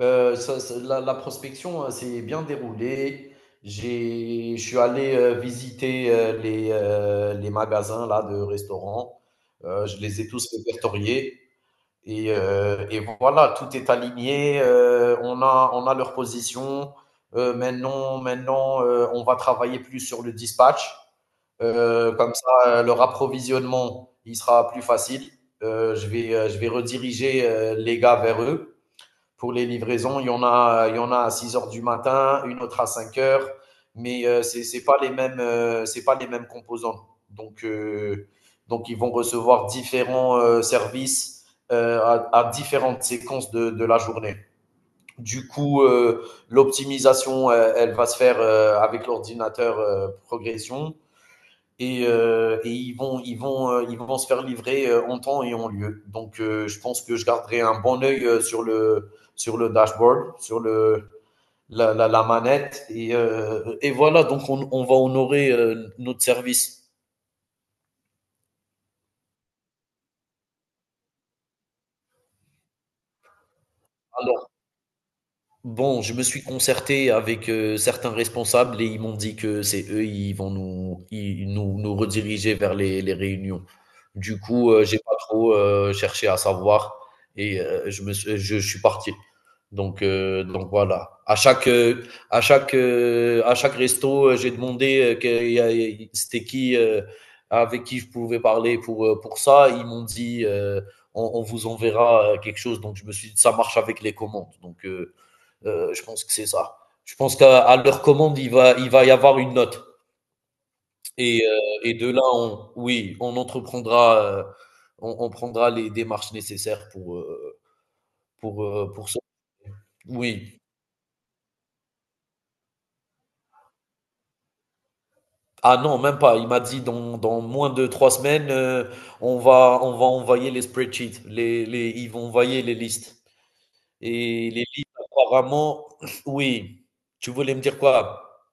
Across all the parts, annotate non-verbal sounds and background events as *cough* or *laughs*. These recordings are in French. Ça ça la prospection, s'est bien déroulée. J'ai je suis allé, visiter, les magasins là de restaurants. Je les ai tous répertoriés, et voilà, tout est aligné, on a leur position. Maintenant, on va travailler plus sur le dispatch. Comme ça, leur approvisionnement, il sera plus facile. Je vais rediriger, les gars vers eux pour les livraisons. Il y en a à 6 heures du matin, une autre à 5 heures, mais c'est pas les mêmes, c'est pas les mêmes composants. Donc, donc ils vont recevoir différents services à différentes séquences de la journée. Du coup, l'optimisation, elle va se faire avec l'ordinateur progression, et, et ils vont se faire livrer en temps et en lieu. Donc, je pense que je garderai un bon œil sur le dashboard, la manette. Et, et voilà, donc on va honorer notre service. Alors, bon, je me suis concerté avec certains responsables et ils m'ont dit que c'est eux, ils vont nous, ils- nous rediriger vers les réunions. Du coup, j'ai pas trop cherché à savoir, et je suis parti. Donc voilà. À chaque resto, j'ai demandé c'était qui, avec qui je pouvais parler pour ça. Ils m'ont dit, on vous enverra quelque chose. Donc, je me suis dit, ça marche avec les commandes. Je pense que c'est ça. Je pense qu'à leur commande, il va y avoir une note. Et de là, oui, on entreprendra, on prendra les démarches nécessaires pour, pour ça. Oui. Ah non, même pas. Il m'a dit dans moins de trois semaines. On va envoyer les spreadsheets. Ils vont envoyer les listes. Et les listes, apparemment, *clears throat* oui. Tu voulais me dire quoi?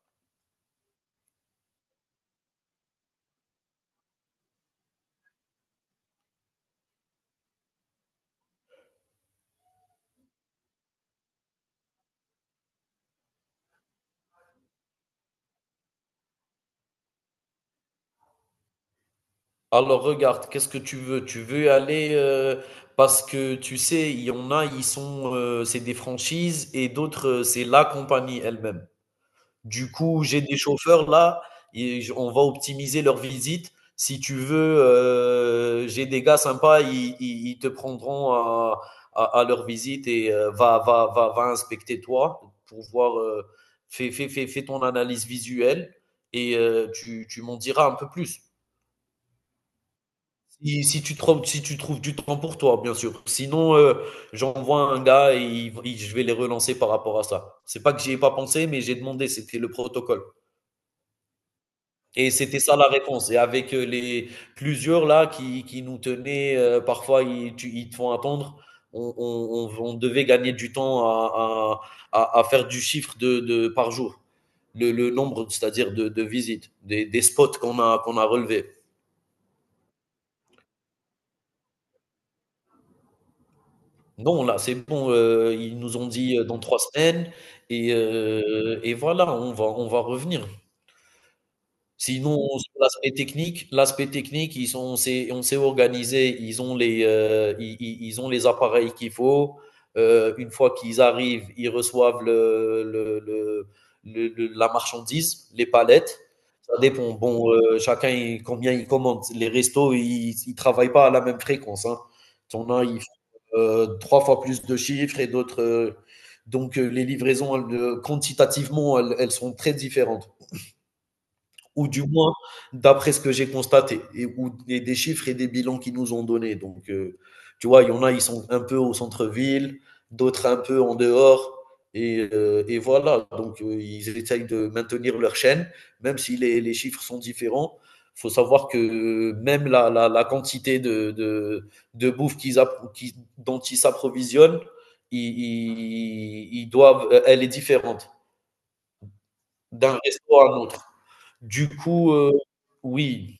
Alors regarde, qu'est-ce que tu veux? Tu veux aller, parce que tu sais, il y en a, ils sont, c'est des franchises et d'autres, c'est la compagnie elle-même. Du coup, j'ai des chauffeurs là, on va optimiser leur visite. Si tu veux, j'ai des gars sympas, ils te prendront à, à leur visite, et va inspecter toi pour voir, fais ton analyse visuelle, et tu m'en diras un peu plus. Si tu trouves du temps pour toi, bien sûr. Sinon, j'envoie un gars et je vais les relancer par rapport à ça. C'est pas que j'y ai pas pensé, mais j'ai demandé, c'était le protocole. Et c'était ça la réponse. Et avec les plusieurs là qui nous tenaient, parfois ils te font attendre. On devait gagner du temps à, à faire du chiffre par jour, le nombre, c'est-à-dire de visites, des spots qu'on a, qu'on a relevés. Non, là, c'est bon, ils nous ont dit, dans 3 semaines, et voilà, on va revenir. Sinon, sur l'aspect technique, ils sont, on s'est organisé, ils ont les, ils ont les appareils qu'il faut. Une fois qu'ils arrivent, ils reçoivent la marchandise, les palettes. Ça dépend. Bon, chacun, combien il commande. Les restos, ils travaillent pas à la même fréquence, hein. T'en as, ils font, trois fois plus de chiffres et d'autres. Les livraisons, elles, quantitativement, elles sont très différentes, ou du moins d'après ce que j'ai constaté, et des chiffres et des bilans qu'ils nous ont donnés. Donc, tu vois, il y en a, ils sont un peu au centre-ville, d'autres un peu en dehors, et, et voilà. Donc, ils essayent de maintenir leur chaîne, même si les chiffres sont différents. Il faut savoir que même la quantité de bouffe dont ils s'approvisionnent, ils doivent, elle est différente d'un resto à un autre. Du coup, heu, oui,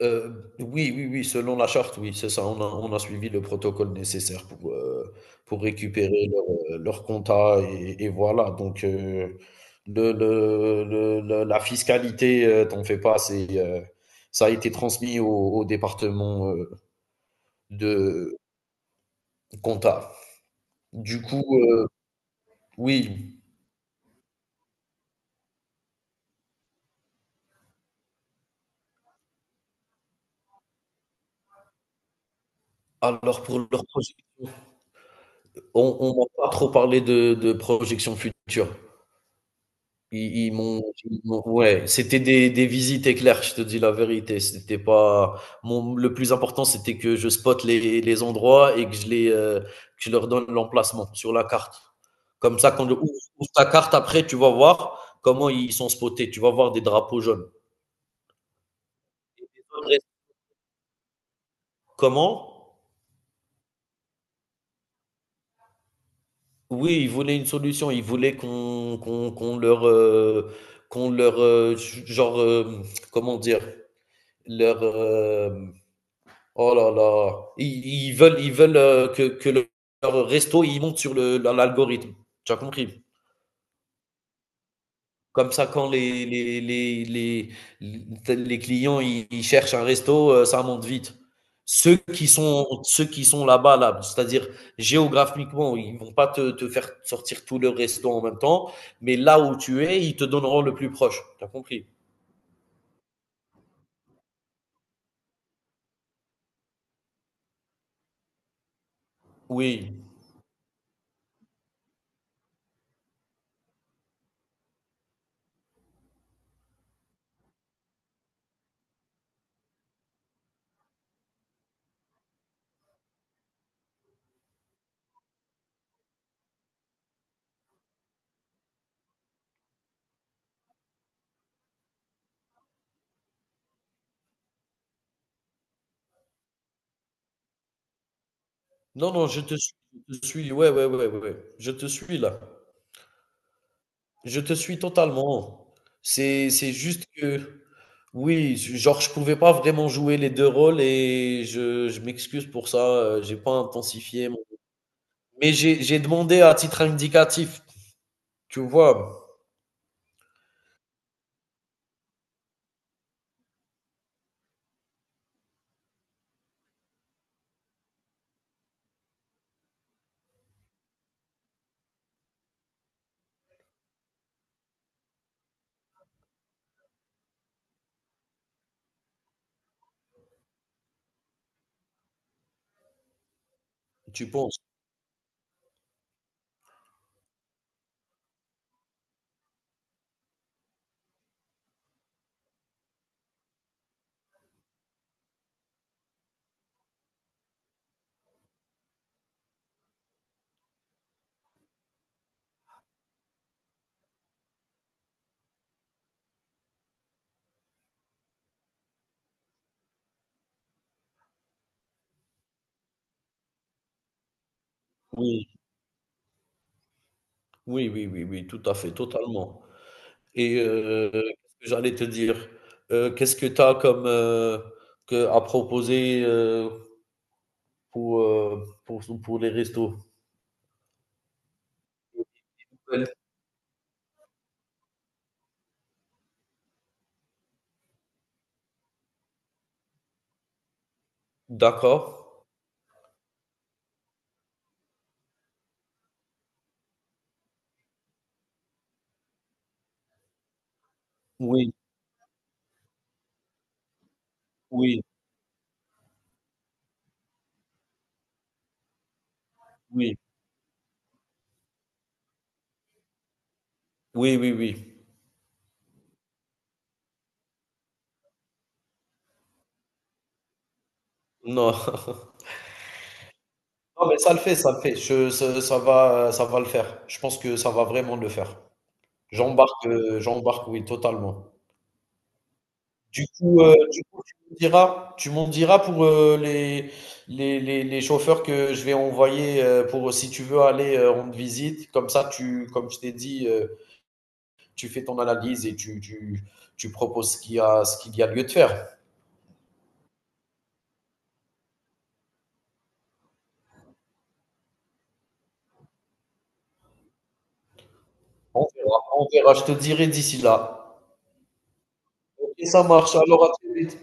oui, oui, oui, selon la charte, oui, c'est ça. On a suivi le protocole nécessaire pour récupérer leur, leur compta, et voilà. Donc, le la fiscalité, t'en fais pas, c'est, ça a été transmis au au département, de compta. Du coup, heu, oui, alors pour leur projection, on m'a pas trop parlé de projection future. Ils m'ont ouais, c'était des visites éclairs, je te dis la vérité. C'était pas mon le plus important, c'était que je spotte les endroits, et que je les, que je leur donne l'emplacement sur la carte. Comme ça, quand le ouvre ouvre ta carte après, tu vas voir comment ils sont spotés. Tu vas voir des drapeaux jaunes. Comment? Oui, ils voulaient une solution. Ils voulaient qu'on leur, qu'on leur, heu, genre, hem, comment dire? Leur, hem oh là là, ils veulent que leur resto il monte sur dans l'algorithme. Tu as compris? Comme ça, quand les clients ils cherchent un resto, ça monte vite. Ceux qui sont là-bas, là, c'est-à-dire géographiquement, ils vont pas te faire sortir tous leurs restos en même temps, mais là où tu es, ils te donneront le plus proche. Tu as compris? Oui. Non, non, je te suis. Je te suis. Ouais, ouais, ouais, ouais, ouais. Je te suis là. Je te suis totalement. C'est juste que oui, genre, je pouvais pas vraiment jouer les 2 rôles, et je m'excuse pour ça. J'ai pas intensifié mon, mais j'ai demandé à titre indicatif, tu vois? Tu penses? Oui. Oui, oui, oui, oui, tout à fait, totalement, et j'allais te dire, qu'est-ce que tu as comme, que à proposer, pour, pour les restos? D'accord. Oui, oui, oui. Oui, oui, oui. Non. *laughs* Non, mais ça le fait, ça le fait. Je ce ça va le faire. Je pense que ça va vraiment le faire. J'embarque, j'embarque, oui, totalement. Du coup, tu m'en diras pour, heu, les chauffeurs que je vais envoyer, pour si tu veux aller, rendre visite. Comme ça, tu comme je t'ai dit, tu fais ton analyse, et tu tu proposes ce qu'il y a lieu de faire. On verra, je te dirai d'ici là. OK, ça marche, alors à très vite.